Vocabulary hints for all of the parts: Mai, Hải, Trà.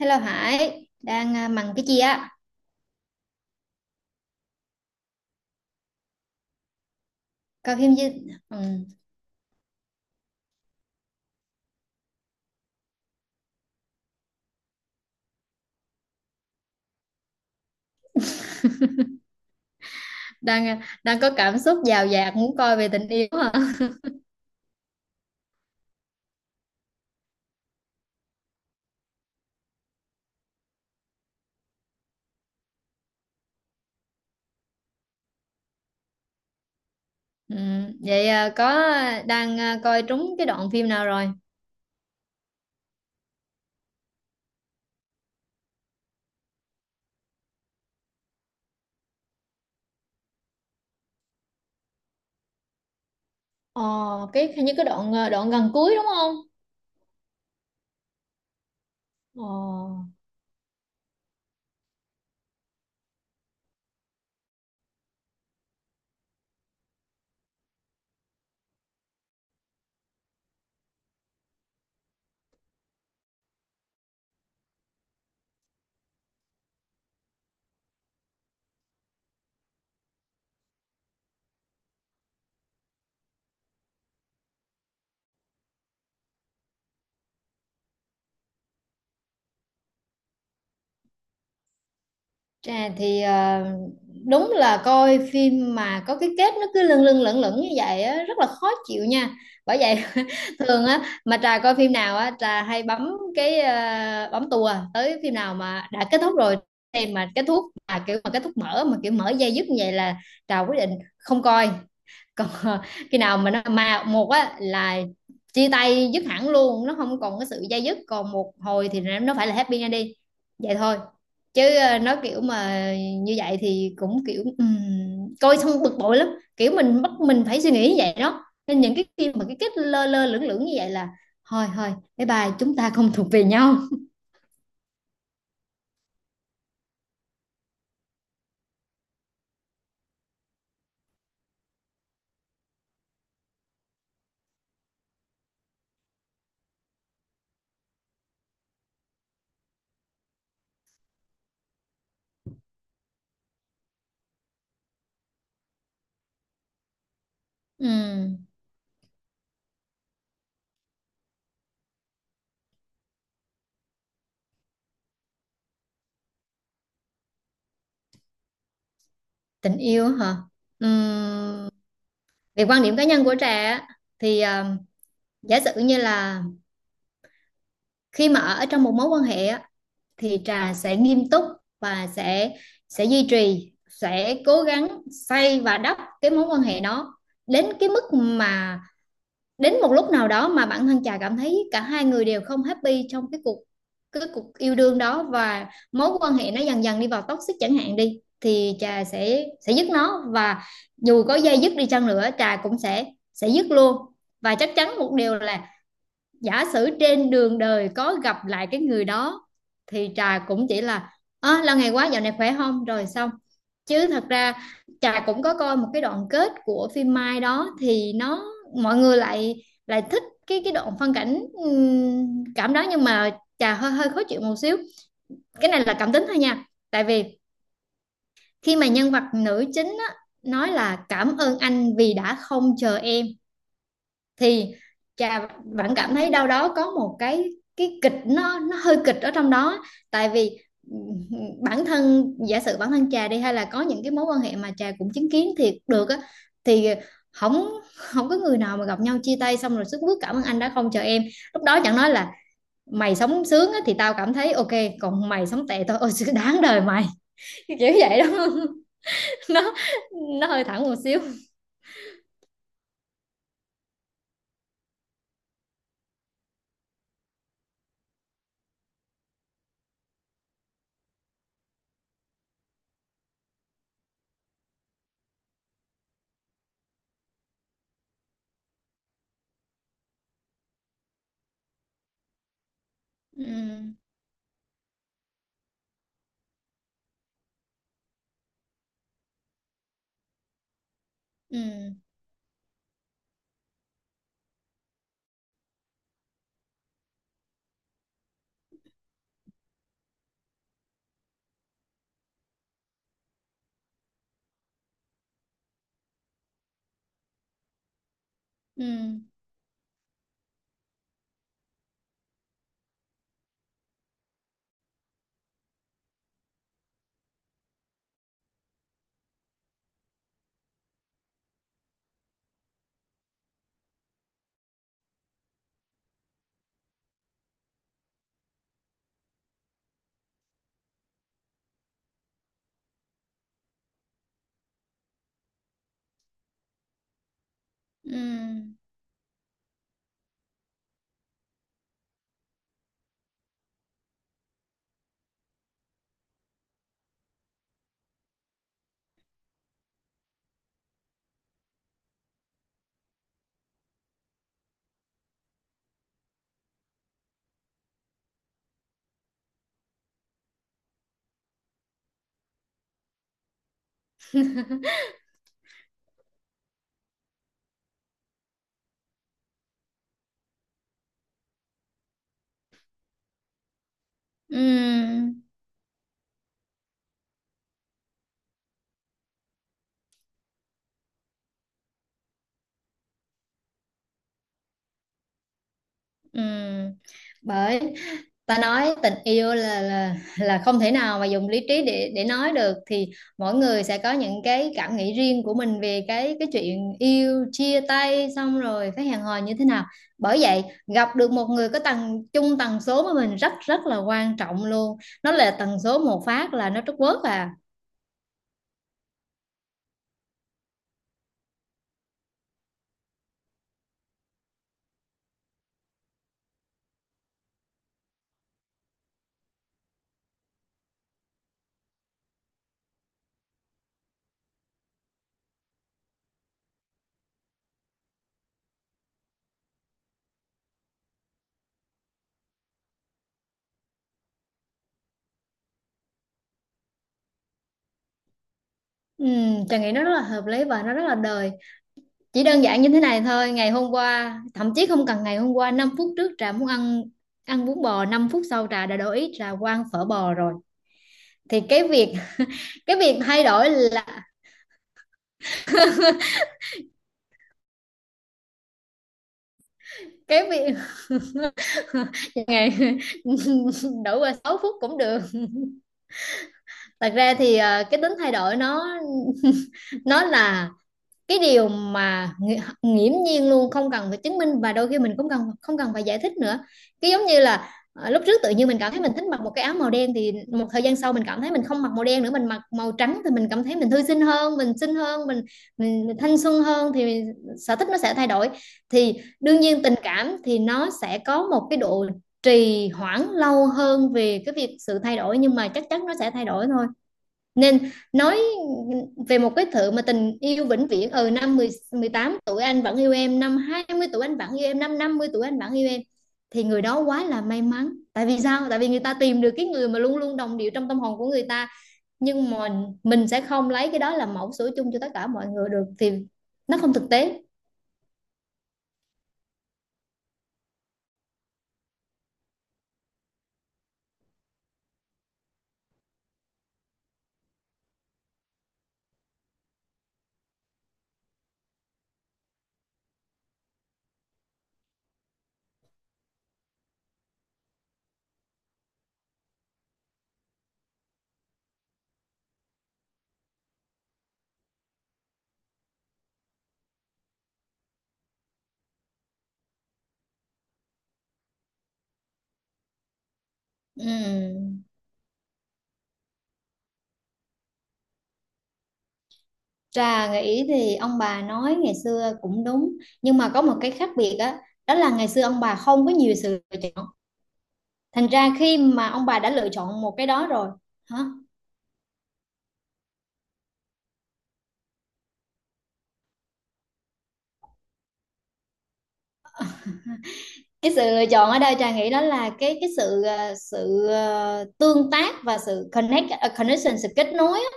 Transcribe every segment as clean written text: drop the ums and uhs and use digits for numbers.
Hello Hải, đang mằng cái gì á? Coi phim chứ? Ừ. Đang có cảm xúc dào dạt muốn coi về tình yêu hả? Ừ. Vậy có đang coi trúng cái đoạn phim nào rồi? Ồ, cái hình như cái đoạn gần cuối đúng không? Ồ. À, thì đúng là coi phim mà có cái kết nó cứ lâng lâng lẩn lẩn như vậy á, rất là khó chịu nha. Bởi vậy thường á mà Trà coi phim nào á, Trà hay bấm cái bấm tua tới phim nào mà đã kết thúc rồi. Em mà kết thúc mà kiểu mà kết thúc mở mà kiểu mở dây dứt như vậy là Trà quyết định không coi. Còn khi nào mà nó mà một á là chia tay dứt hẳn luôn, nó không còn cái sự dây dứt còn một hồi thì nó phải là happy ra đi, vậy thôi. Chứ nó kiểu mà như vậy thì cũng kiểu coi xong bực bội lắm. Kiểu mình bắt mình phải suy nghĩ như vậy đó, nên những cái khi mà cái kết lơ lơ lửng lửng như vậy là thôi thôi, bye bye, chúng ta không thuộc về nhau. Ừm, tình yêu á hả? Ừm, về quan điểm cá nhân của Trà á, thì giả sử như là khi mà ở trong một mối quan hệ á, thì Trà sẽ nghiêm túc và sẽ duy trì, sẽ cố gắng xây và đắp cái mối quan hệ đó đến cái mức mà đến một lúc nào đó mà bản thân Trà cảm thấy cả hai người đều không happy trong cái cuộc yêu đương đó, và mối quan hệ nó dần dần đi vào toxic chẳng hạn đi, thì Trà sẽ dứt nó, và dù có dây dứt đi chăng nữa Trà cũng sẽ dứt luôn. Và chắc chắn một điều là giả sử trên đường đời có gặp lại cái người đó thì Trà cũng chỉ là là ngày quá dạo này khỏe không rồi xong. Chứ thật ra Trà cũng có coi một cái đoạn kết của phim Mai đó, thì nó mọi người lại lại thích cái đoạn phân cảnh cảm đó, nhưng mà Trà hơi hơi khó chịu một xíu. Cái này là cảm tính thôi nha. Tại vì khi mà nhân vật nữ chính á, nói là cảm ơn anh vì đã không chờ em, thì Trà vẫn cảm thấy đâu đó có một cái kịch, nó hơi kịch ở trong đó. Tại vì ừ, bản thân, giả sử bản thân Trà đi hay là có những cái mối quan hệ mà Trà cũng chứng kiến thiệt được á, thì không không có người nào mà gặp nhau chia tay xong rồi sức bước cảm ơn anh đã không chờ em. Lúc đó chẳng nói là mày sống sướng á, thì tao cảm thấy ok, còn mày sống tệ thôi ôi sự đáng đời mày, kiểu vậy đó. nó nó hơi thẳng một xíu. Ừ, ừ, ừ, ừ. Ừ, ừ. Bởi ta nói tình yêu là không thể nào mà dùng lý trí để nói được, thì mỗi người sẽ có những cái cảm nghĩ riêng của mình về cái chuyện yêu, chia tay xong rồi phải hẹn hò như thế nào. Bởi vậy gặp được một người có tần chung tần số với mình rất rất là quan trọng luôn. Nó là tần số một phát là nó trút quớt à. Ừ, Trà nghĩ nó rất là hợp lý và nó rất là đời. Chỉ đơn giản như thế này thôi, ngày hôm qua, thậm chí không cần ngày hôm qua, 5 phút trước Trà muốn ăn ăn bún bò, 5 phút sau Trà đã đổi ý, Trà qua ăn phở bò rồi. Thì cái việc thay đổi là cái việc ngày đổi qua 6 phút cũng được. Thật ra thì cái tính thay đổi nó nó là cái điều mà nghiễm nhiên luôn, không cần phải chứng minh, và đôi khi mình cũng không cần phải giải thích nữa. Cái giống như là lúc trước tự nhiên mình cảm thấy mình thích mặc một cái áo màu đen, thì một thời gian sau mình cảm thấy mình không mặc màu đen nữa, mình mặc màu trắng thì mình cảm thấy mình thư sinh hơn, mình xinh hơn, mình thanh xuân hơn, thì sở thích nó sẽ thay đổi. Thì đương nhiên tình cảm thì nó sẽ có một cái độ trì hoãn lâu hơn về cái việc sự thay đổi, nhưng mà chắc chắn nó sẽ thay đổi thôi. Nên nói về một cái thứ mà tình yêu vĩnh viễn, năm mười mười tám tuổi anh vẫn yêu em, năm 20 tuổi anh vẫn yêu em, năm 50 tuổi anh vẫn yêu em, thì người đó quá là may mắn, tại vì sao? Tại vì người ta tìm được cái người mà luôn luôn đồng điệu trong tâm hồn của người ta. Nhưng mà mình sẽ không lấy cái đó làm mẫu số chung cho tất cả mọi người được, thì nó không thực tế. Ừm. Trà nghĩ thì ông bà nói ngày xưa cũng đúng, nhưng mà có một cái khác biệt á, đó là ngày xưa ông bà không có nhiều sự lựa chọn, thành ra khi mà ông bà đã lựa chọn một cái đó rồi. Hả? Cái sự lựa chọn ở đây Trà nghĩ đó là cái sự tương tác và sự connection, sự kết nối á.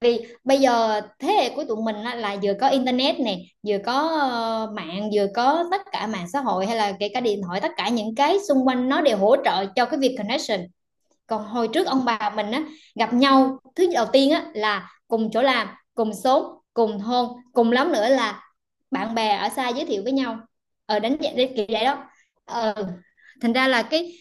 Vì bây giờ thế hệ của tụi mình á, là vừa có internet nè, vừa có mạng, vừa có tất cả mạng xã hội hay là kể cả điện thoại, tất cả những cái xung quanh nó đều hỗ trợ cho cái việc connection. Còn hồi trước ông bà mình á, gặp nhau thứ đầu tiên á là cùng chỗ làm, cùng xóm, cùng thôn, cùng lắm nữa là bạn bè ở xa giới thiệu với nhau, ở đánh giá đấy kiểu vậy đó. ờ thành ra là cái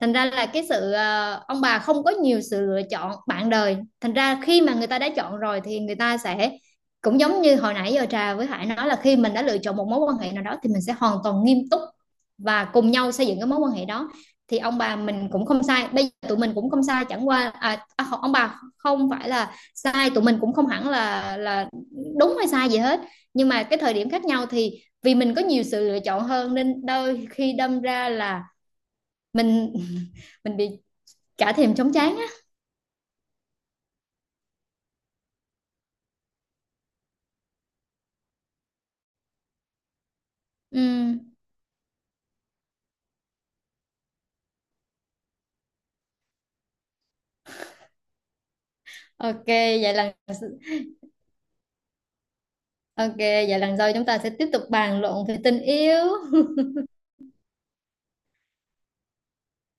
thành ra là cái sự ông bà không có nhiều sự lựa chọn bạn đời, thành ra khi mà người ta đã chọn rồi thì người ta sẽ cũng giống như hồi nãy giờ Trà với Hải nói là khi mình đã lựa chọn một mối quan hệ nào đó thì mình sẽ hoàn toàn nghiêm túc và cùng nhau xây dựng cái mối quan hệ đó. Thì ông bà mình cũng không sai, bây giờ tụi mình cũng không sai, chẳng qua ông bà không phải là sai, tụi mình cũng không hẳn là đúng hay sai gì hết. Nhưng mà cái thời điểm khác nhau thì vì mình có nhiều sự lựa chọn hơn nên đôi khi đâm ra là mình mình bị cả thèm chóng trán á. Ừm, ok vậy lần ok vậy lần sau chúng ta sẽ tiếp tục bàn luận về tình yêu.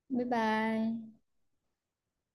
Bye bye.